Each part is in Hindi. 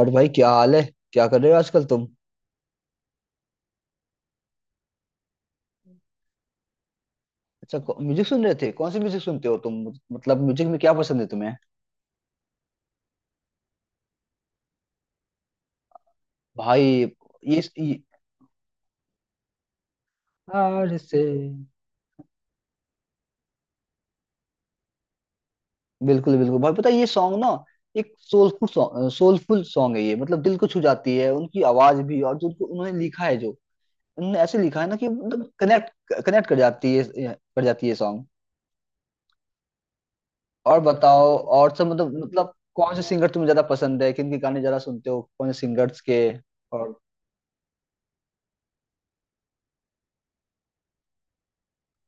और भाई क्या हाल है। क्या कर रहे हो आजकल तुम। अच्छा म्यूजिक सुन रहे थे। कौन सी म्यूजिक सुनते हो तुम। मतलब म्यूजिक में क्या पसंद है तुम्हें। भाई ये प्यार से। बिल्कुल बिल्कुल भाई, पता है ये सॉन्ग ना। एक सोलफुल सॉन्ग, सोलफुल सॉन्ग है ये। मतलब दिल को छू जाती है उनकी आवाज भी, और जो उनको उन्होंने लिखा है। जो उन्होंने ऐसे लिखा है ना कि मतलब कनेक्ट कनेक्ट कर जाती है सॉन्ग। और बताओ, और सब मतलब कौन से सिंगर तुम्हें ज्यादा पसंद है, किन के गाने ज्यादा सुनते हो, कौन से सिंगर्स के। और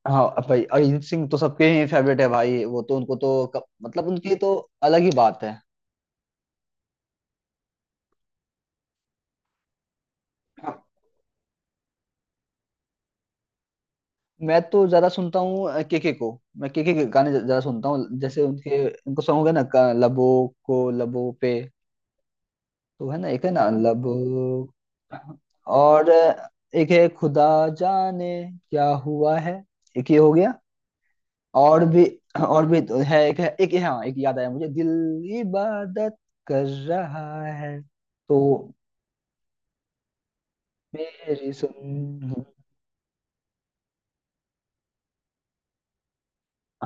हाँ भाई, अरिजीत सिंह तो सबके ही फेवरेट है भाई। वो तो उनको तो मतलब उनकी तो अलग ही बात है। मैं तो ज्यादा सुनता हूँ केके को। मैं केके के गाने ज्यादा सुनता हूँ। जैसे उनके उनको सॉन्ग है ना का- लबों को लबों पे, तो है ना, एक है ना, लबों। और एक है खुदा जाने क्या हुआ है, एक ये हो गया। और भी, और भी तो है। एक है, एक, हाँ एक याद आया मुझे, दिल इबादत कर रहा है, तो मेरी सुन।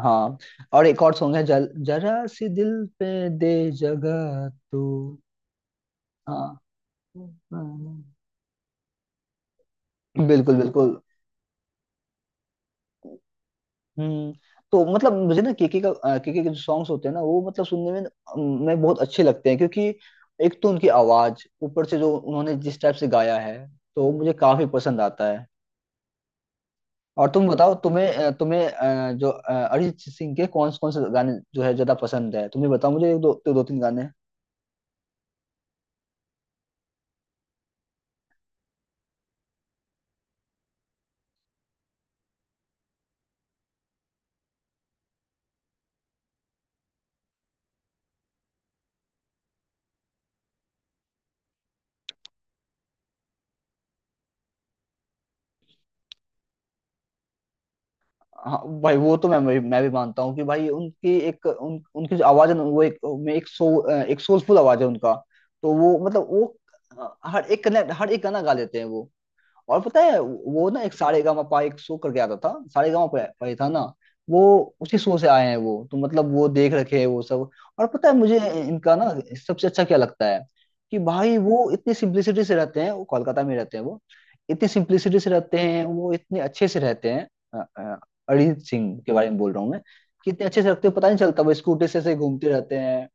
हाँ, और एक और सॉन्ग है, जरा सी दिल पे दे जगह तू। हाँ बिल्कुल बिल्कुल। हम्म। तो मतलब मुझे ना केके के जो सॉन्ग्स होते हैं ना, वो मतलब सुनने में बहुत अच्छे लगते हैं, क्योंकि एक तो उनकी आवाज, ऊपर से जो उन्होंने जिस टाइप से गाया है, तो मुझे काफी पसंद आता है। और तुम बताओ। तुम्हें अरिजीत सिंह के कौन कौन से गाने जो है ज्यादा पसंद है तुम्हें, बताओ मुझे एक दो दो, दो तीन गाने। हाँ भाई वो तो मैं भी मानता हूँ, कि भाई उनकी जो आवाज है ना, वो एक में एक सो एक सोलफुल आवाज है उनका, तो वो मतलब वो। हाँ, हर एक गाना गा लेते हैं वो। और पता है वो ना, एक सारेगामापा, एक शो करके आता था। सारेगामापा पे था ना वो। उसी शो से आए हैं वो, तो मतलब वो देख रखे हैं वो सब। और पता है मुझे इनका ना, सबसे अच्छा क्या लगता है? कि भाई वो इतनी सिंप्लिसिटी से रहते हैं, वो कोलकाता में रहते हैं, वो इतनी सिंप्लिसिटी से रहते हैं, वो इतने अच्छे से रहते हैं। अ, अ, अरिजीत सिंह के बारे में बोल रहा हूँ मैं। कि इतने अच्छे से रखते हैं, पता नहीं चलता, वो स्कूटी से ऐसे घूमते रहते हैं।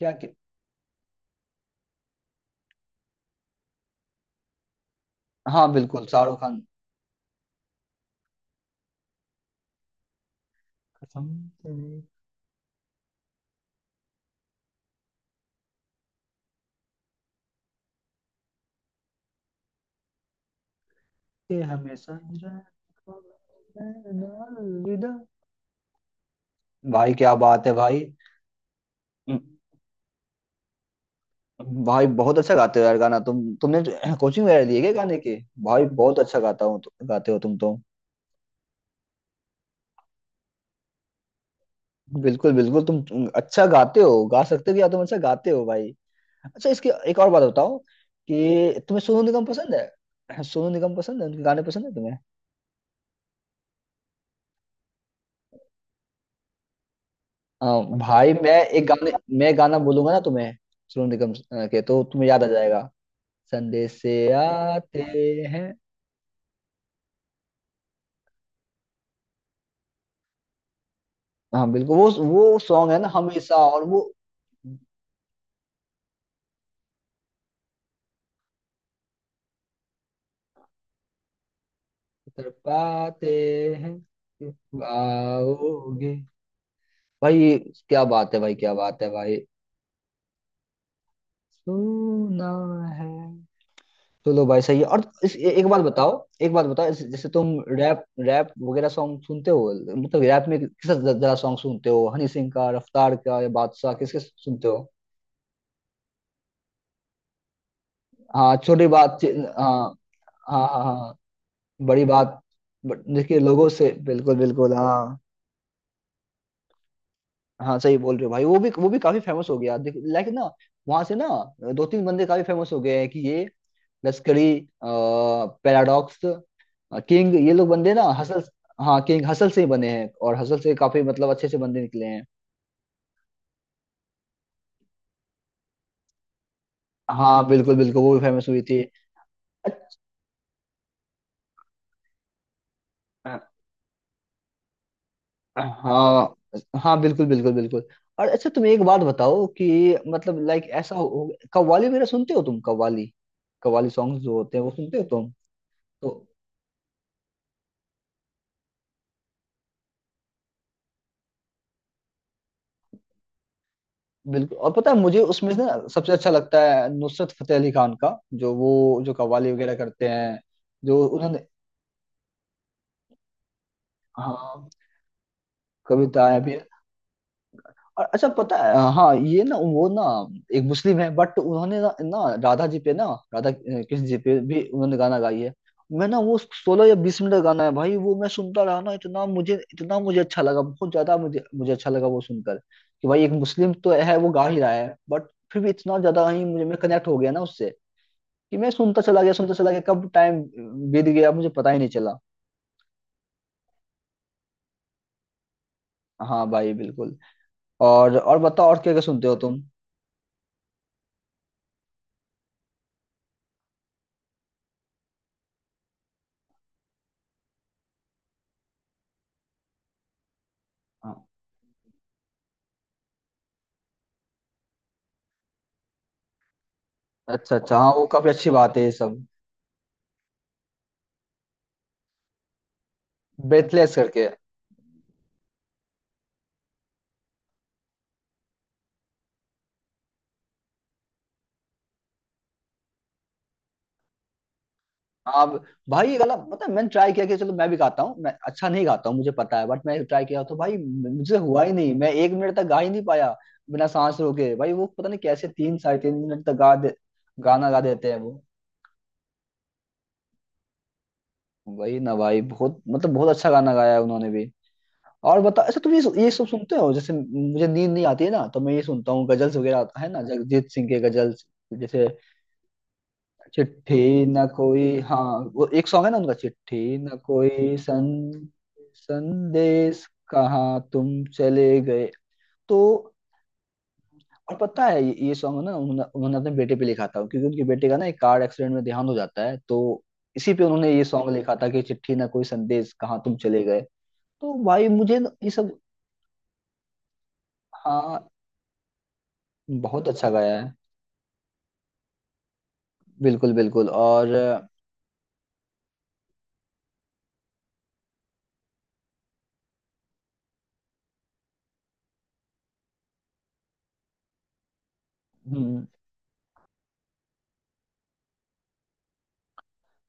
क्या क्या। हाँ बिल्कुल, शाहरुख खान। कसम से। के हमेशा ही रहना अलविदा। भाई क्या बात है भाई। भाई बहुत अच्छा गाते हो यार गाना, तुमने कोचिंग वगैरह ली है क्या गाने की? भाई बहुत अच्छा गाता हो गाते हो तुम तो। बिल्कुल बिल्कुल तुम अच्छा गाते हो, गा सकते हो, या तुम अच्छा गाते हो भाई। अच्छा, इसकी एक और बात बताओ, कि तुम्हें सोनू निगम पसंद है उनके गाने पसंद है तुम्हें? हाँ, भाई मैं एक गाने मैं गाना बोलूंगा ना तुम्हें, सोनू निगम के, तो तुम्हें याद आ जाएगा। संदेश से आते हैं। हाँ बिल्कुल, वो सॉन्ग है ना, हमेशा। और वो उतर पाते हैं, तुम आओगे। भाई क्या बात है भाई, क्या बात है भाई। सुना है। चलो भाई, सही है। और एक बात बताओ, एक बात बताओ, जैसे तुम रैप, रैप वगैरह सॉन्ग सुनते हो, मतलब रैप में किस जरा सॉन्ग सुनते हो? हनी सिंह का? रफ्तार का? या बादशाह? किसके सुनते हो? हाँ, छोटी बात। हाँ हाँ हाँ हाँ। बड़ी बात, बट देखिए लोगों से, बिल्कुल बिल्कुल, हाँ। हाँ सही बोल रहे हो भाई, वो भी काफी फेमस हो गया। देखिए, लाइक ना, वहां से ना, दो तीन बंदे काफी फेमस हो गए हैं, कि ये लश्करी, पैराडॉक्स, किंग, ये लोग बंदे ना, हसल। हाँ किंग, हसल से ही बने हैं, और हसल से काफी मतलब अच्छे से बंदे निकले हैं। हाँ बिल्कुल बिल्कुल, वो भी फेमस हुई थी। हाँ हाँ बिल्कुल बिल्कुल बिल्कुल। और अच्छा, तुम एक बात बताओ, कि मतलब लाइक ऐसा कव्वाली वगैरह सुनते हो तुम? कव्वाली कव्वाली सॉन्ग जो होते हैं वो सुनते हो तुम? तो बिल्कुल, और पता है मुझे उसमें से ना, सबसे अच्छा लगता है नुसरत फतेह अली खान का, जो कव्वाली वगैरह करते हैं, जो उन्होंने। हाँ, कविताएं भी। और अच्छा, पता है हाँ, ये ना, वो ना, एक मुस्लिम है, बट उन्होंने ना, राधा जी पे ना, राधा कृष्ण जी पे भी उन्होंने गाना गाई है। मैं ना वो 16 या 20 मिनट का गाना है भाई, वो मैं सुनता रहा ना, इतना मुझे अच्छा लगा, बहुत ज्यादा मुझे मुझे अच्छा लगा वो सुनकर, कि भाई एक मुस्लिम तो है, वो गा ही रहा है, बट फिर भी इतना ज्यादा ही मुझे मैं कनेक्ट हो गया ना उससे, कि मैं सुनता चला गया, सुनता चला गया, कब टाइम बीत गया मुझे पता ही नहीं चला। हाँ भाई बिल्कुल। और बताओ, और क्या क्या सुनते हो तुम? हाँ, अच्छा अच्छा, हाँ वो काफी अच्छी बात है ये सब। ब्रेथलेस करके। आप भाई, ये गाना पता है, मैंने ट्राई किया कि चलो मैं भी गाता हूँ, मैं अच्छा नहीं गाता हूँ मुझे पता है, बट मैं ट्राई किया, तो भाई मुझे हुआ ही नहीं, मैं 1 मिनट तक गा ही नहीं पाया। बिना सांस रोके भाई, वो पता नहीं कैसे 3 साढ़े 3 मिनट तक गा दे? गाना गा देते हैं वो। वही ना भाई, बहुत मतलब बहुत अच्छा गाना गाया है उन्होंने भी। और बता, अच्छा तुम ये सब सुनते हो? जैसे, मुझे नींद नहीं आती है ना, तो मैं ये सुनता हूँ गजल्स वगैरह, है ना, जगजीत सिंह के गजल्स। जैसे चिट्ठी न कोई, हाँ, वो एक सॉन्ग है ना उनका, चिट्ठी न कोई सन संदेश, कहाँ तुम चले गए, तो। और पता है ये सॉन्ग ना, उन्होंने उन्होंने अपने बेटे पे लिखा था, क्योंकि उनके बेटे का ना, एक कार एक्सीडेंट में देहांत हो जाता है, तो इसी पे उन्होंने ये सॉन्ग लिखा था, कि चिट्ठी न कोई संदेश कहाँ तुम चले गए, तो भाई मुझे ना ये सब। हाँ, बहुत अच्छा गाया है। बिल्कुल बिल्कुल। और हम्म,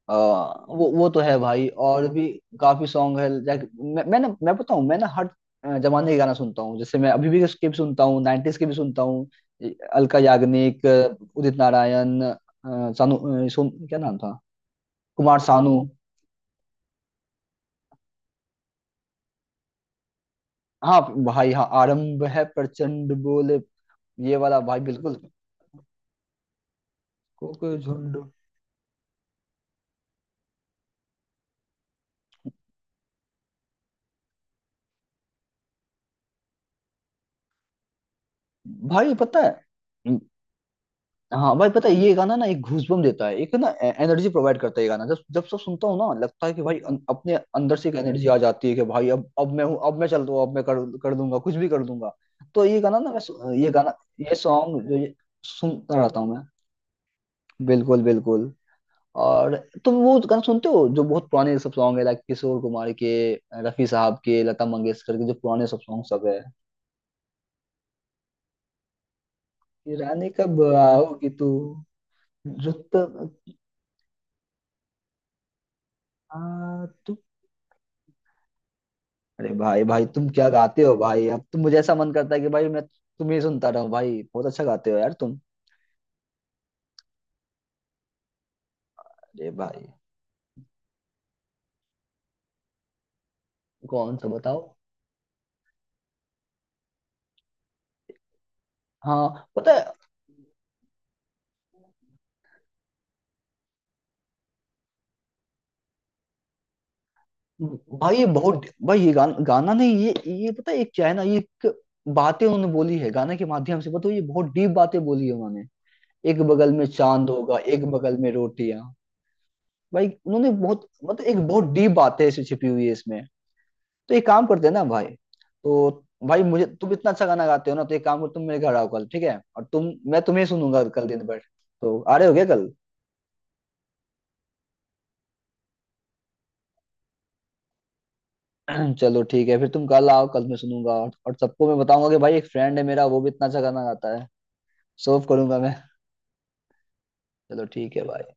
आ, वो तो है भाई। और भी काफी सॉन्ग है लाइक, मैं ना मैं बताऊं मैं ना, हर जमाने के गाना सुनता हूँ। जैसे मैं अभी भी उसके भी सुनता हूँ, 90s के भी सुनता हूँ, अलका याग्निक, उदित नारायण, सानू, सोन, क्या नाम था, कुमार सानू। हाँ भाई, हाँ आरंभ है प्रचंड बोले, ये वाला भाई बिल्कुल। को झुंड। भाई पता है, हाँ भाई पता है, ये गाना ना एक घूसबम देता है, एक ना एनर्जी प्रोवाइड करता है ये गाना, जब जब सब सुनता हूँ ना, लगता है कि भाई, अपने अंदर से एक एनर्जी आ जाती है, कि भाई, अब मैं हूँ, अब मैं चल दूँ, अब मैं कर कर दूंगा, कुछ भी कर दूंगा। तो ये गाना ना मैं ये गाना, ये सॉन्ग जो, ये सुनता रहता हूँ मैं। बिल्कुल बिल्कुल। और तुम वो गाना सुनते हो जो बहुत पुराने सब सॉन्ग है लाइक, किशोर कुमार के, रफी साहब के, लता मंगेशकर के, जो पुराने सब सॉन्ग सब है। कि रानी कब आओगी तू, रुत। अरे भाई भाई तुम क्या गाते हो भाई, अब तो मुझे ऐसा मन करता है कि भाई मैं तुम्हें सुनता रहूं, भाई बहुत अच्छा गाते हो यार तुम। अरे भाई। कौन सा बताओ? हाँ पता है। भाई ये बहुत, भाई ये गाना गाना नहीं, ये, ये पता है ये क्या है ना, ये एक बातें उन्होंने बोली है गाने के माध्यम से, पता है ये बहुत डीप बातें बोली है उन्होंने, एक बगल में चांद होगा, एक बगल में रोटियां। भाई उन्होंने बहुत मतलब, एक बहुत डीप बात है, इसे छिपी हुई है इसमें। तो एक काम करते हैं ना भाई, तो भाई मुझे तुम इतना अच्छा गाना गाते हो ना, तो एक काम करो, तुम मेरे घर आओ कल, ठीक है, और तुम मैं तुम्हें सुनूंगा कल दिन भर। तो आ रहे हो क्या कल? चलो ठीक है, फिर तुम कल आओ, कल मैं सुनूंगा, और सबको मैं बताऊंगा कि भाई एक फ्रेंड है मेरा, वो भी इतना अच्छा गाना गाता है। सर्व करूंगा मैं। चलो ठीक है भाई।